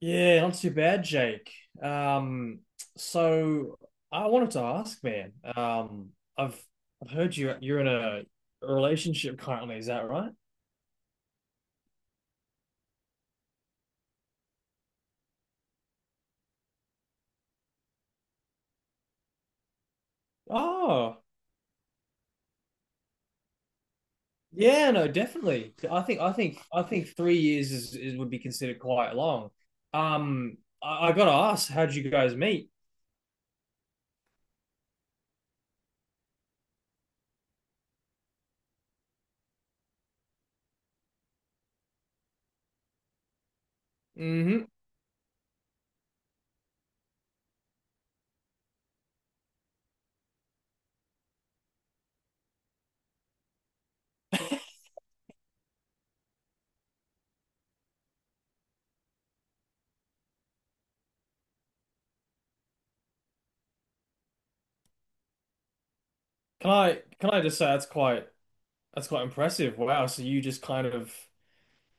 Yeah, not too bad, Jake. Um, so I wanted to ask, man. I've I've heard you're in a relationship currently, is that right? Oh, yeah, no, definitely. I think 3 years is, would be considered quite long. I gotta ask, how'd you guys meet? hmm can I just say that's quite impressive. Wow, so you just kind of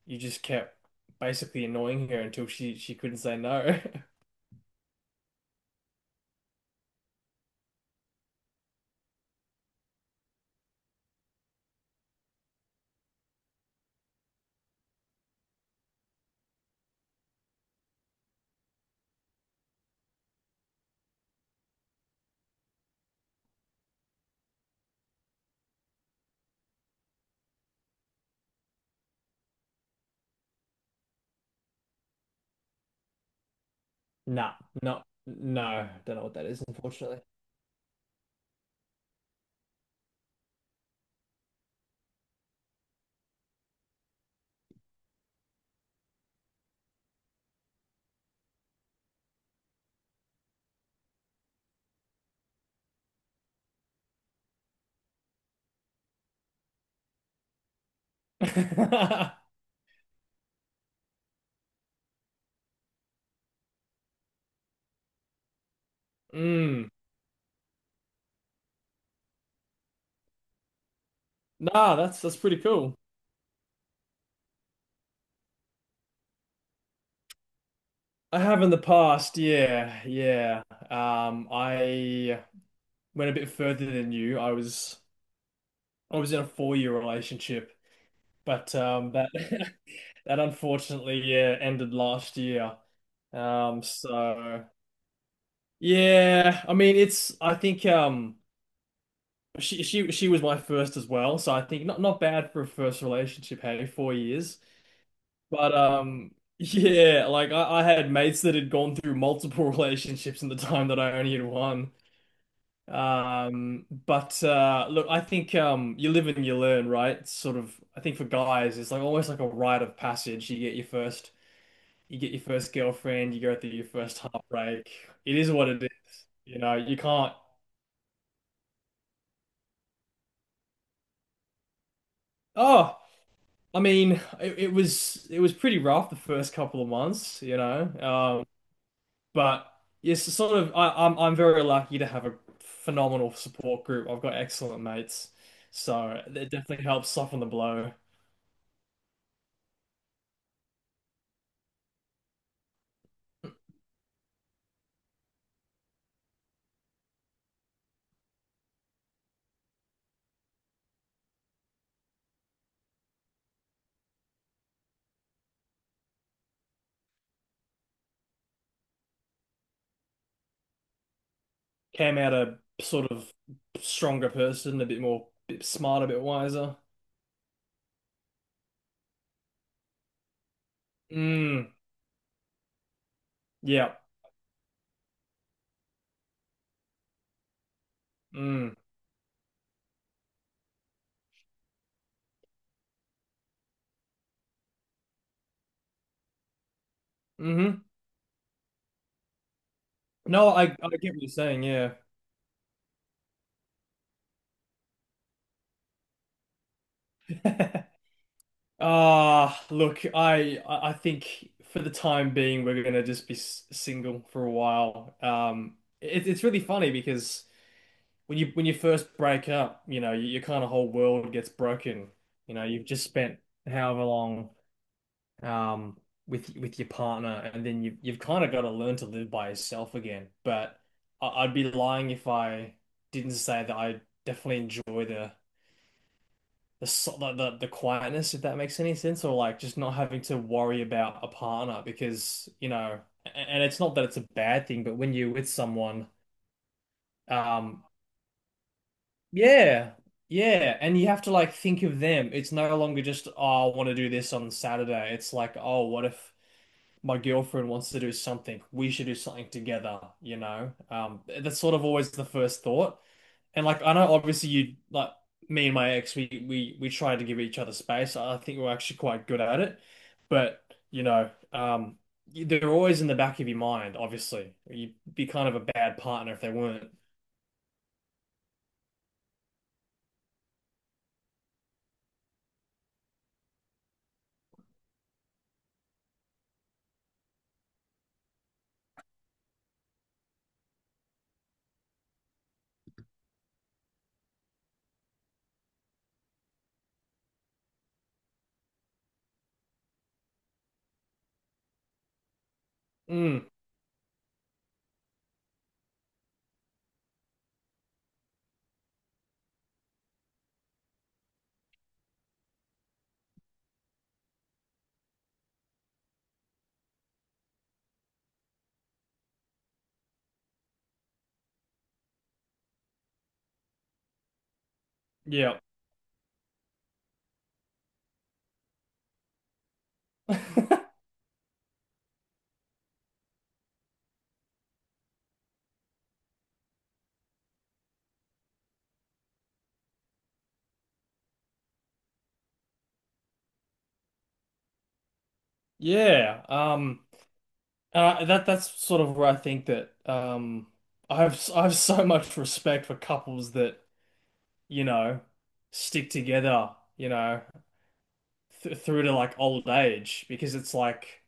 you just kept basically annoying her until she couldn't say no. No, no, no. Don't know what that is, unfortunately. Mm. Nah, that's pretty cool. I have in the past, yeah, yeah. I went a bit further than you. I was in a four-year relationship, but that that unfortunately, yeah, ended last year. Um, so yeah, I mean, it's I think she was my first as well, so I think not bad for a first relationship. Hey, 4 years. But yeah, I had mates that had gone through multiple relationships in the time that I only had one. But look, I think you live and you learn, right? It's sort of I think for guys it's like almost like a rite of passage. You get your first girlfriend, you go through your first heartbreak. It is what it is. You know, you can't. Oh, I mean, it was pretty rough the first couple of months, you know. But yes, it's sort of I'm very lucky to have a phenomenal support group. I've got excellent mates, so it definitely helps soften the blow. Came out a sort of stronger person, a bit more, bit smarter, a bit wiser. Mm, yeah. Mm, hmm. No, I get what you're saying. Yeah. Ah, look, I think for the time being we're gonna just be single for a while. It's really funny because when you first break up, you know, your, kind of whole world gets broken. You know, you've just spent however long um with your partner, and then you've kind of got to learn to live by yourself again. But I'd be lying if I didn't say that I definitely enjoy the so- the quietness, if that makes any sense, or like just not having to worry about a partner because, you know, and it's not that it's a bad thing, but when you're with someone. Um, Yeah, yeah, and you have to like think of them. It's no longer just, oh, I want to do this on Saturday. It's like, oh, what if my girlfriend wants to do something? We should do something together, That's sort of always the first thought. And like, I know obviously you like me and my ex, we try to give each other space. I think we're actually quite good at it, but you know, um, they're always in the back of your mind. Obviously, you'd be kind of a bad partner if they weren't. Mm, yeah. Yeah, um, and I, that's sort of where I think that I have I have so much respect for couples that you know stick together, you know, th through to like old age because it's like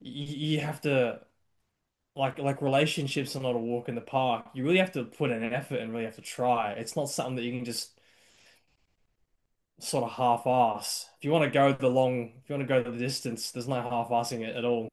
y you have to like relationships are not a walk in the park. You really have to put in an effort and really have to try. It's not something that you can just sort of half-ass. If you want to go the long, if you want to go the distance, there's no half-assing it at all.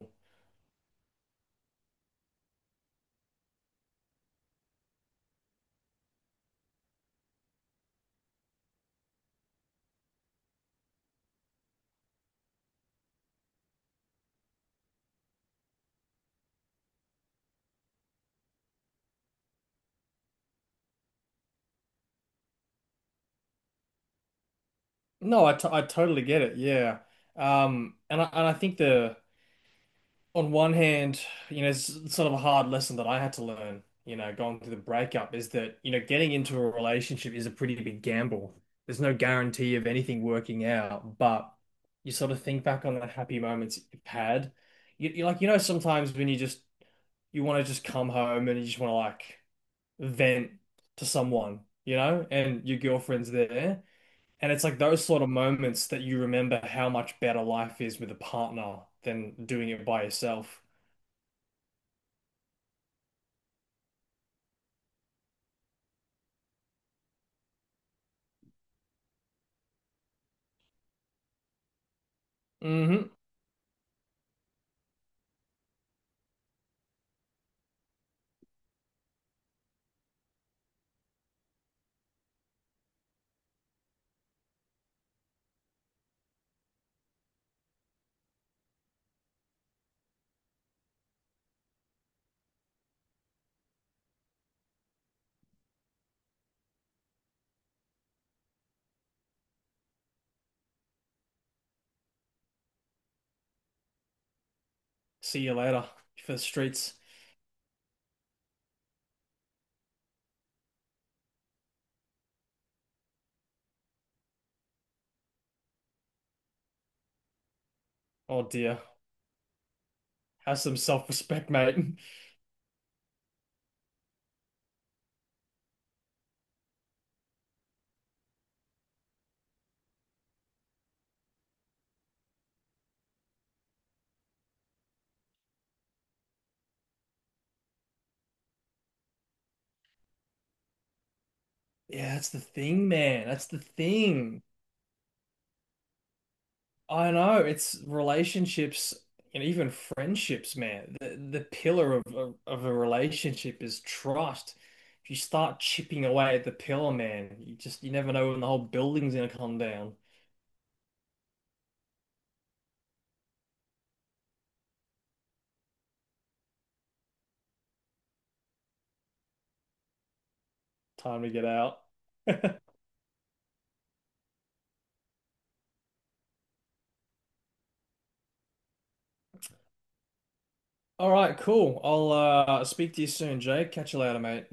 No, I totally get it. Yeah. And I think the on one hand, you know, it's sort of a hard lesson that I had to learn, you know, going through the breakup is that, you know, getting into a relationship is a pretty big gamble. There's no guarantee of anything working out, but you sort of think back on the happy moments you've had. You know, sometimes when you want to just come home and you just want to like vent to someone, you know, and your girlfriend's there. And it's like those sort of moments that you remember how much better life is with a partner than doing it by yourself. hmm. See you later for the streets. Oh dear. Have some self-respect, mate. Yeah, that's the thing, man. That's the thing. I know it's relationships and even friendships, man. The pillar of, of a relationship is trust. If you start chipping away at the pillar, man, you just you never know when the whole building's gonna come down. Time to get out. All right, cool. I'll speak to you soon, Jake. Catch you later, mate.